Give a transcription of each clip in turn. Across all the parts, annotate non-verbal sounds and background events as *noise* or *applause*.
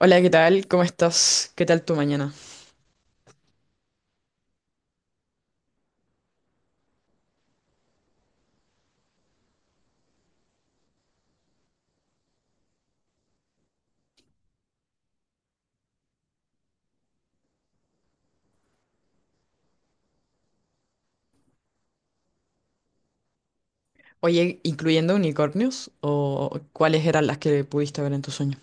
Hola, ¿qué tal? ¿Cómo estás? ¿Qué tal tu mañana? Oye, ¿incluyendo unicornios? ¿O cuáles eran las que pudiste ver en tu sueño?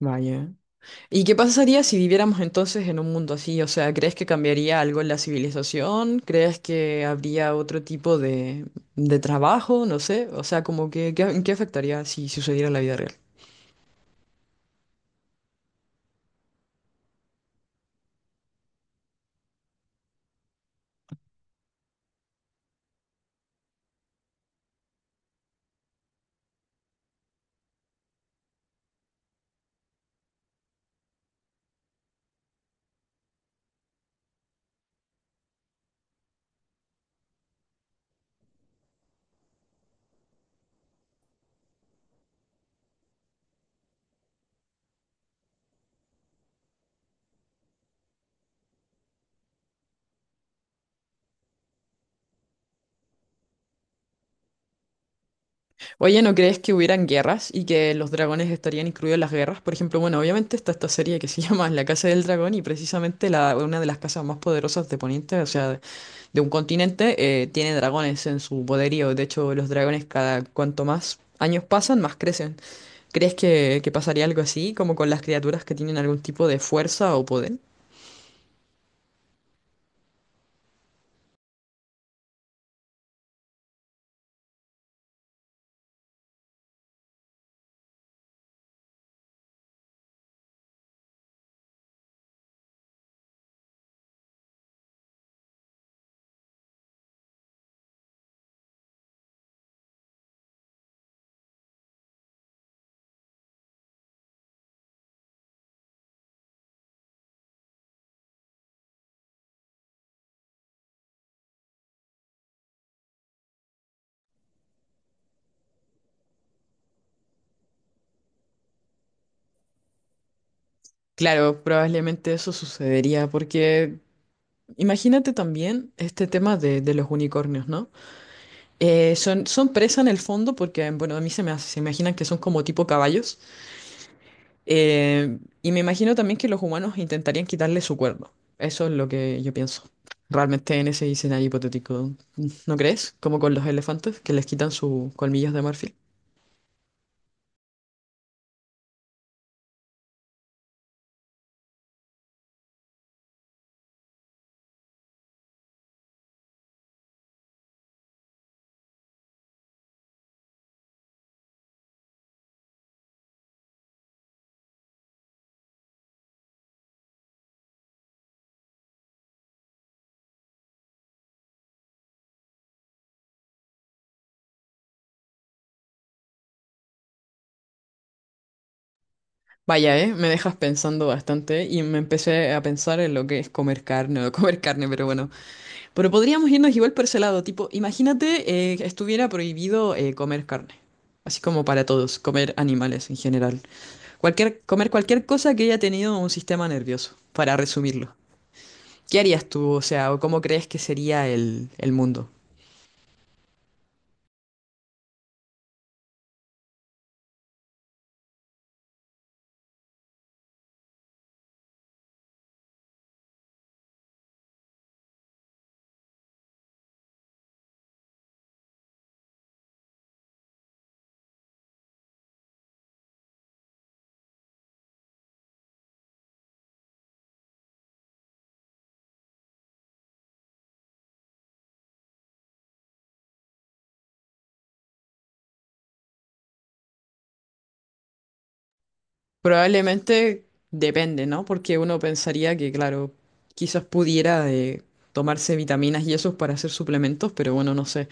Vaya. ¿Y qué pasaría si viviéramos entonces en un mundo así? O sea, ¿crees que cambiaría algo en la civilización? ¿Crees que habría otro tipo de trabajo? No sé. O sea, como que, ¿qué, en qué afectaría si sucediera en la vida real? Oye, ¿no crees que hubieran guerras y que los dragones estarían incluidos en las guerras? Por ejemplo, bueno, obviamente está esta serie que se *laughs* llama La Casa del Dragón y precisamente la, una de las casas más poderosas de Poniente, o sea, de un continente, tiene dragones en su poderío. De hecho, los dragones cada cuanto más años pasan, más crecen. ¿Crees que pasaría algo así, como con las criaturas que tienen algún tipo de fuerza o poder? Claro, probablemente eso sucedería porque imagínate también este tema de los unicornios, ¿no? Son, son presa en el fondo porque, bueno, a mí se me, se imaginan que son como tipo caballos. Y me imagino también que los humanos intentarían quitarle su cuerno. Eso es lo que yo pienso. Realmente en ese escenario hipotético, ¿no crees? Como con los elefantes que les quitan sus colmillos de marfil. Vaya, me dejas pensando bastante y me empecé a pensar en lo que es comer carne o no comer carne, pero bueno, pero podríamos irnos igual por ese lado, tipo, imagínate que estuviera prohibido comer carne, así como para todos, comer animales en general. Cualquier, comer cualquier cosa que haya tenido un sistema nervioso, para resumirlo. ¿Qué harías tú? O sea, ¿o ¿cómo crees que sería el mundo? Probablemente depende, ¿no? Porque uno pensaría que, claro, quizás pudiera de tomarse vitaminas y esos para hacer suplementos, pero bueno, no sé.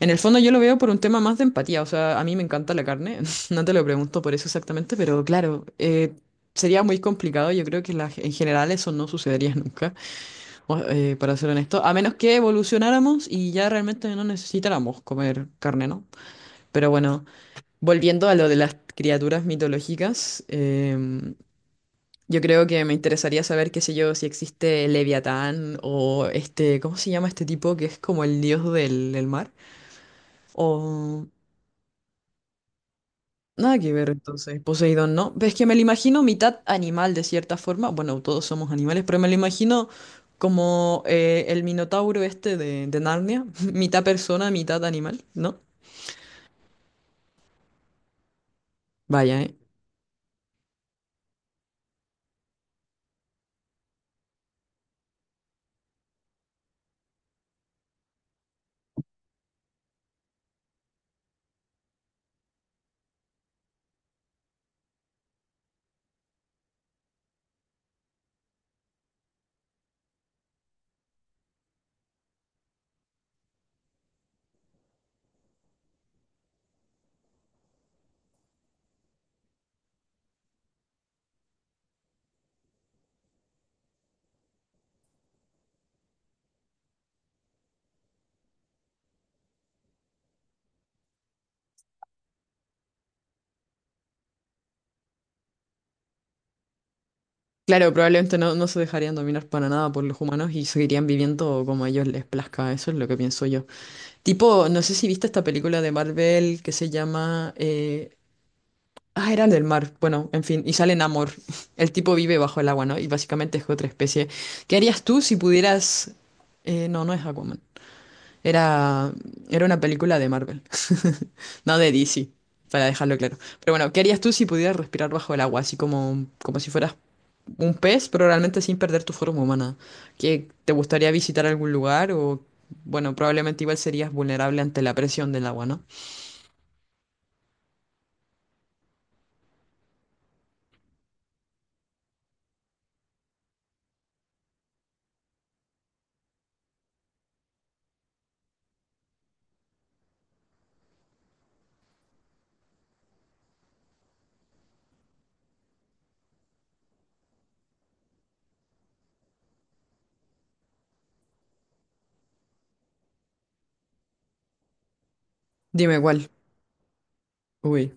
En el fondo yo lo veo por un tema más de empatía, o sea, a mí me encanta la carne, *laughs* no te lo pregunto por eso exactamente, pero claro, sería muy complicado, yo creo que en general eso no sucedería nunca, para ser honesto, a menos que evolucionáramos y ya realmente no necesitáramos comer carne, ¿no? Pero bueno. Volviendo a lo de las criaturas mitológicas, yo creo que me interesaría saber, qué sé yo, si existe Leviatán o este, ¿cómo se llama este tipo que es como el dios del, del mar? O nada que ver entonces, Poseidón, ¿no? Pues es que me lo imagino mitad animal de cierta forma, bueno, todos somos animales, pero me lo imagino como el Minotauro este de Narnia, *laughs* mitad persona, mitad animal, ¿no? Vaya, ¿eh? Claro, probablemente no, no se dejarían dominar para nada por los humanos y seguirían viviendo como a ellos les plazca, eso es lo que pienso yo. Tipo, no sé si viste esta película de Marvel que se llama... ah, era del mar. Bueno, en fin, y sale Namor. *laughs* El tipo vive bajo el agua, ¿no? Y básicamente es otra especie. ¿Qué harías tú si pudieras... no, no es agua era, era una película de Marvel, *laughs* no de DC, para dejarlo claro. Pero bueno, ¿qué harías tú si pudieras respirar bajo el agua? Así como, como si fueras un pez, pero realmente sin perder tu forma humana. ¿Qué, te gustaría visitar algún lugar? O, bueno, probablemente igual serías vulnerable ante la presión del agua, ¿no? Dime cuál. Uy.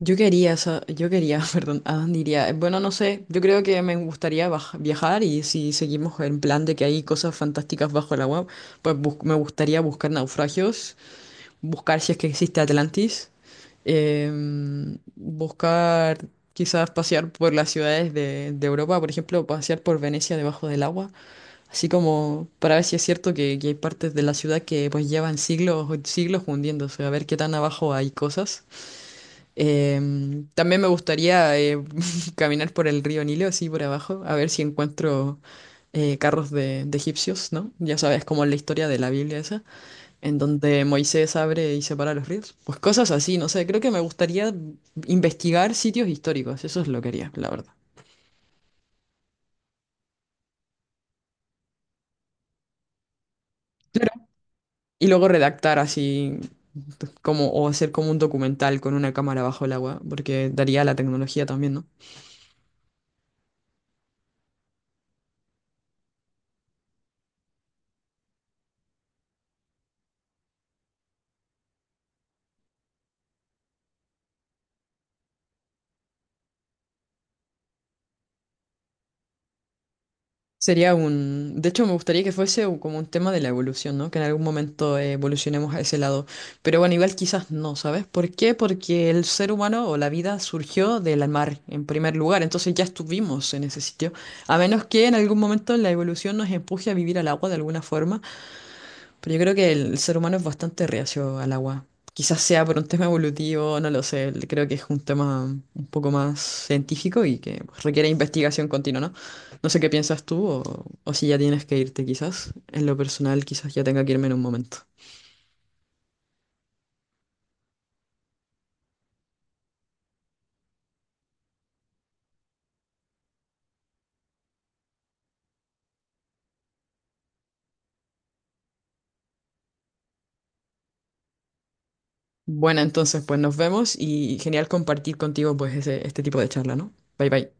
Yo quería, *laughs* perdón, ¿a dónde iría? Bueno, no sé, yo creo que me gustaría viajar y si seguimos en plan de que hay cosas fantásticas bajo el agua, pues me gustaría buscar naufragios, buscar si es que existe Atlantis, buscar quizás pasear por las ciudades de Europa, por ejemplo, pasear por Venecia debajo del agua, así como para ver si es cierto que hay partes de la ciudad que pues llevan siglos, siglos hundiéndose, a ver qué tan abajo hay cosas. También me gustaría *laughs* caminar por el río Nilo, así por abajo, a ver si encuentro carros de egipcios, ¿no? Ya sabes, como en la historia de la Biblia esa, en donde Moisés abre y separa los ríos. Pues cosas así, no sé, creo que me gustaría investigar sitios históricos, eso es lo que haría, la verdad. Y luego redactar así como o hacer como un documental con una cámara bajo el agua, porque daría la tecnología también, ¿no? Sería un... De hecho, me gustaría que fuese como un tema de la evolución, ¿no? Que en algún momento evolucionemos a ese lado. Pero bueno, igual quizás no, ¿sabes? ¿Por qué? Porque el ser humano o la vida surgió del mar en primer lugar. Entonces ya estuvimos en ese sitio. A menos que en algún momento la evolución nos empuje a vivir al agua de alguna forma. Pero yo creo que el ser humano es bastante reacio al agua. Quizás sea por un tema evolutivo, no lo sé. Creo que es un tema un poco más científico y que pues, requiere investigación continua, ¿no? No sé qué piensas tú o si ya tienes que irte quizás. En lo personal, quizás ya tenga que irme en un momento. Bueno, entonces pues nos vemos y genial compartir contigo pues este tipo de charla, ¿no? Bye bye.